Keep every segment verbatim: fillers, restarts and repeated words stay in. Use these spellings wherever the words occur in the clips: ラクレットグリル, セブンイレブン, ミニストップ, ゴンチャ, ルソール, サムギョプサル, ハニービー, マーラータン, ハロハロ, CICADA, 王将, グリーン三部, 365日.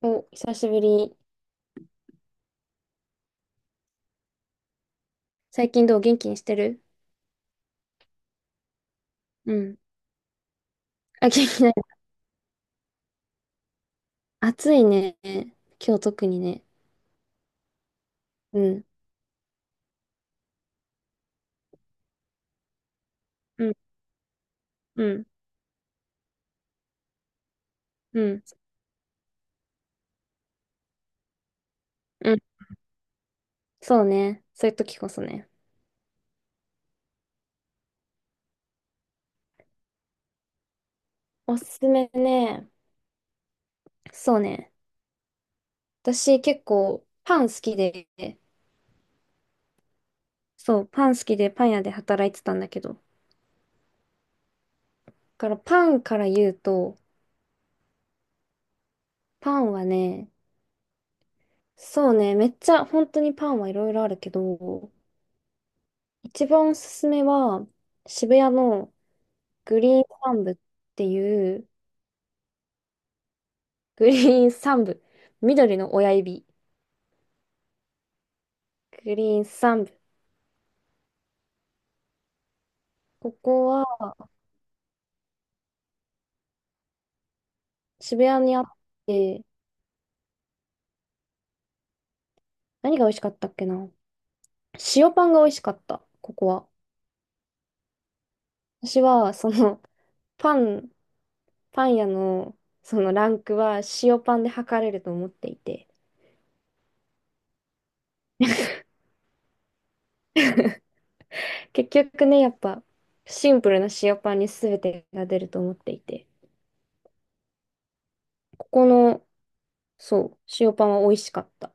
お、久しぶり。最近どう元気にしてる？うん。あ、元気ない。暑いね。今日特にね。うん。うん。うん。うん。うん。そうね。そういう時こそね。おすすめね。そうね。私結構パン好きで、そう、パン好きでパン屋で働いてたんだけど。だからパンから言うと、パンはね、そうね、めっちゃ本当にパンはいろいろあるけど、一番おすすめは渋谷のグリーン三部っていう、グリーン三部、緑の親指、グリーン三部。ここは渋谷にあって、何が美味しかったっけな。塩パンが美味しかった、ここは。私は、その、パン、パン屋の、そのランクは塩パンで測れると思っていて、結局ね、やっぱ、シンプルな塩パンに全てが出ると思っていて、ここの、そう、塩パンは美味しかった。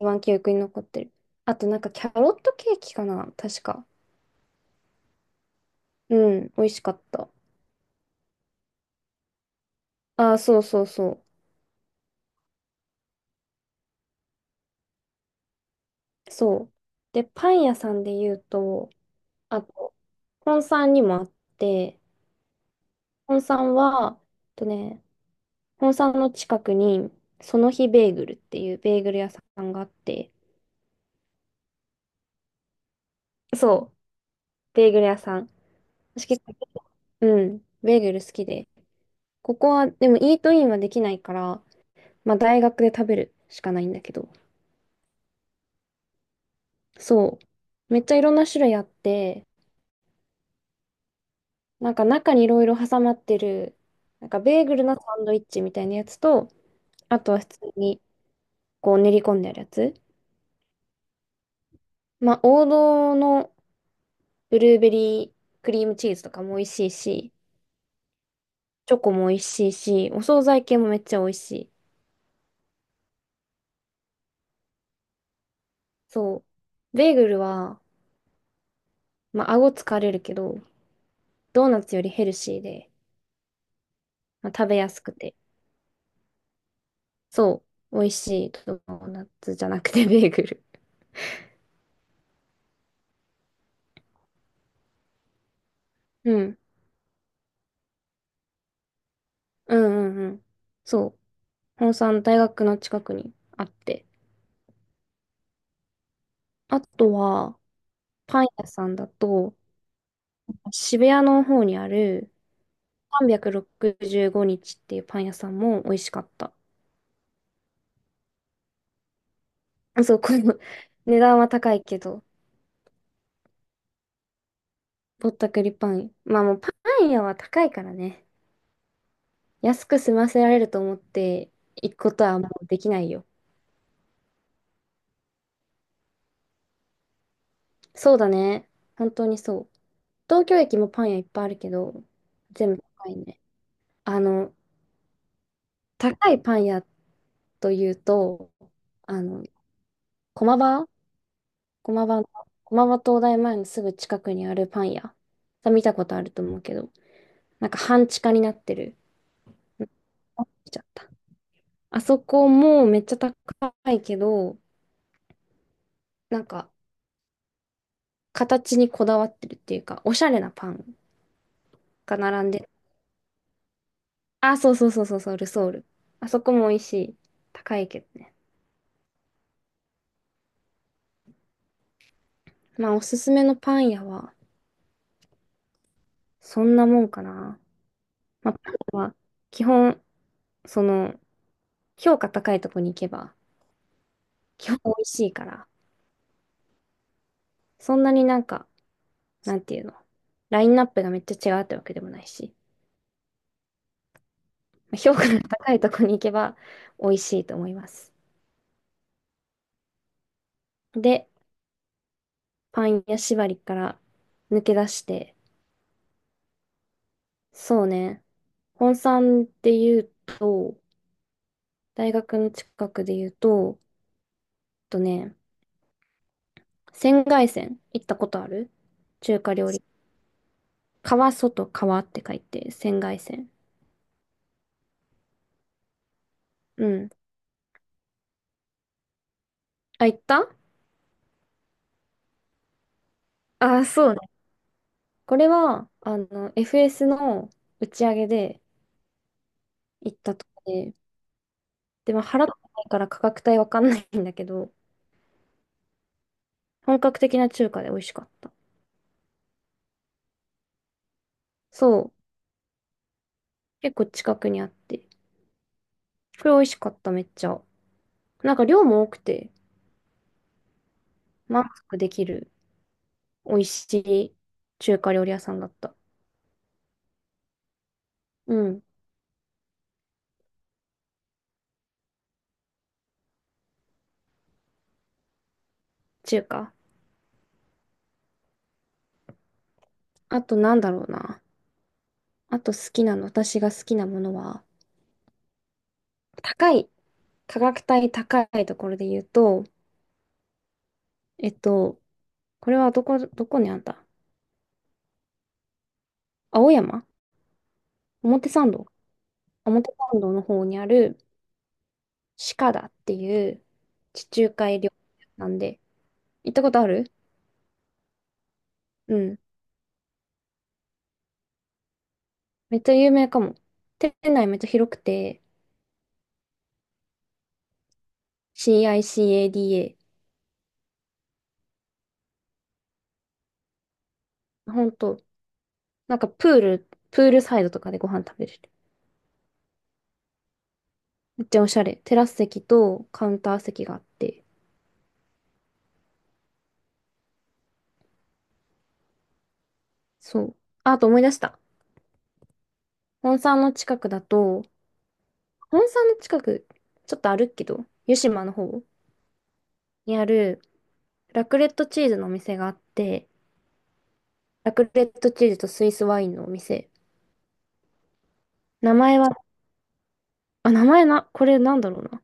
一番記憶に残ってる。あとなんかキャロットケーキかな確か。うん、美味しかった。ああ、そうそうそう。そう。で、パン屋さんで言うと、あと、本山にもあって、本山は、えっとね、本山の近くに、その日ベーグルっていうベーグル屋さんがあって、そう、ベーグル屋さん。私結構、うん、ベーグル好きで。ここは、でもイートインはできないから、まあ大学で食べるしかないんだけど。そう。めっちゃいろんな種類あって、なんか中にいろいろ挟まってる、なんかベーグルのサンドイッチみたいなやつと、あとは普通にこう練り込んであるやつ。まあ王道のブルーベリークリームチーズとかも美味しいし、チョコも美味しいし、お惣菜系もめっちゃ美味しい。そう。ベーグルは、まあ顎疲れるけど、ドーナツよりヘルシーで、まあ、食べやすくて、そう、美味しいドーナツじゃなくてベーグル。うん。うんうんうん。そう。本産大学の近くにあって。あとは、パン屋さんだと、渋谷の方にあるさんびゃくろくじゅうごにちっていうパン屋さんも美味しかった。そう、この 値段は高いけど、ぼったくりパン。まあもうパン屋は高いからね。安く済ませられると思って行くことはもうできないよ。そうだね。本当にそう。東京駅もパン屋いっぱいあるけど、全部高いね。あの、高いパン屋というと、あの、駒場駒場の、駒場東大前のすぐ近くにあるパン屋。さ見たことあると思うけど、なんか半地下になってる。あ見ちゃった。あそこもめっちゃ高いけど、なんか形にこだわってるっていうか、おしゃれなパンが並んでる。あ、そうそうそうそうそう、ルソール。あそこも美味しい。高いけどね。まあ、おすすめのパン屋は、そんなもんかな。まあ、パンは基本、その、評価高いとこに行けば、基本美味しいから、そんなになんか、なんていうの、ラインナップがめっちゃ違うってわけでもないし、まあ評価の高いとこに行けば美味しいと思います。で、パン屋縛りから抜け出して、そうね、本山で言うと、大学の近くで言うと、とね、仙外線行ったことある？中華料理。川外川って書いて、仙外線。うん。あ、行った。あ、そうね。これは、あの、エフエス の打ち上げで行ったとこで、でも払ってないから価格帯わかんないんだけど、本格的な中華で美味しかった。そう、結構近くにあって、これ美味しかった、めっちゃ。なんか量も多くて、満足できる美味しい中華料理屋さんだった。うん、中華。あとなんだろうな。あと好きなの、私が好きなものは、高い、価格帯高いところで言うと、えっと、これはどこ、どこにあった？青山表参道。表参道の方にある鹿田っていう地中海料理屋なんで、行ったことある？うん。めっちゃ有名かも。店内めっちゃ広くて、CICADA。ほんと、なんかプール、プールサイドとかでご飯食べれる。めっちゃおしゃれ。テラス席とカウンター席があって。そう。あ、あと思い出した。本山の近くだと、本山の近く、ちょっと歩くけど、湯島の方にあるラクレットチーズのお店があって、ラクレットチーズとスイスワインのお店。名前は、あ、名前な、これなんだろうな。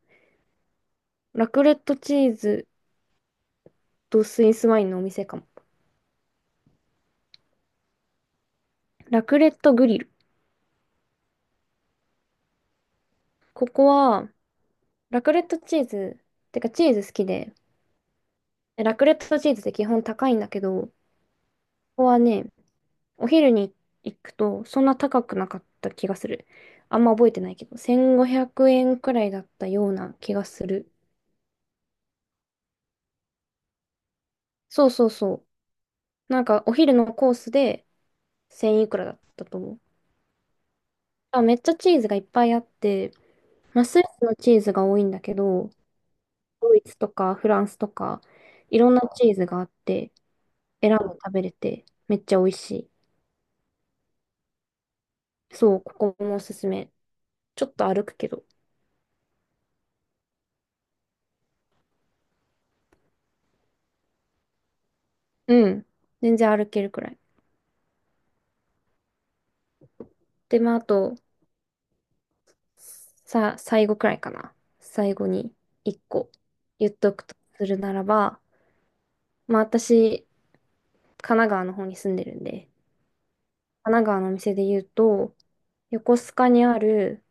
ラクレットチーズとスイスワインのお店かも。ラクレットグリル。ここは、ラクレットチーズ、てかチーズ好きで、ラクレットチーズって基本高いんだけど、ここはね、お昼に行くとそんな高くなかった気がする。あんま覚えてないけど、せんごひゃくえんくえんくらいだったような気がする。そうそうそう。なんかお昼のコースでせんいくらだったと思う。あ、めっちゃチーズがいっぱいあって、まあ、スイスのチーズが多いんだけど、ドイツとかフランスとか、いろんなチーズがあって、選んで食べれて、めっちゃ美味しい。そう、ここもおすすめ。ちょっと歩くけど。うん。全然歩けるくらい。で、まあ、あと、さ、最後くらいかな。最後に一個言っとくとするならば、まあ、私、神奈川の方に住んでるんで、神奈川のお店で言うと、横須賀にある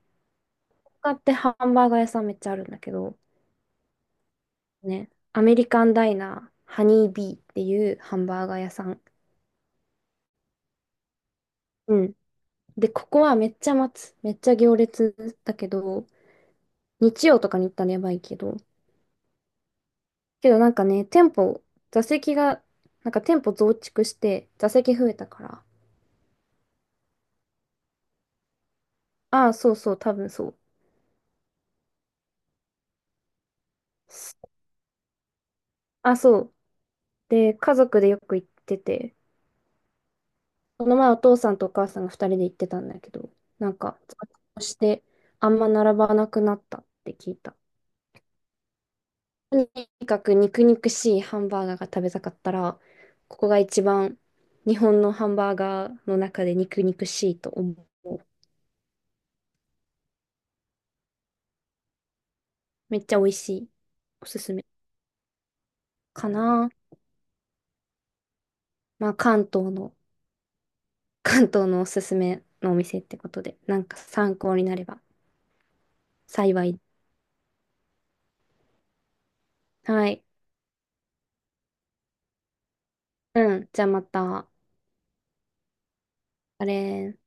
カってハンバーガー屋さんめっちゃあるんだけど、ね、アメリカンダイナー、ハニービーっていうハンバーガー屋さん。うん。で、ここはめっちゃ待つ。めっちゃ行列だけど、日曜とかに行ったらやばいけど。けどなんかね、店舗、座席が、なんか店舗増築して、座席増えたから。ああ、そうそう、多分そう。あ、そう。で、家族でよく行ってて、その前お父さんとお母さんが二人で行ってたんだけど、なんか、座長してあんま並ばなくなったって聞いた。とにかく肉肉しいハンバーガーが食べたかったら、ここが一番日本のハンバーガーの中で肉肉しいと思う。めっちゃ美味しい。おすすめかな。まあ関東の、関東のおすすめのお店ってことで、なんか参考になれば幸い。はい。うん。じゃあまた。あれ。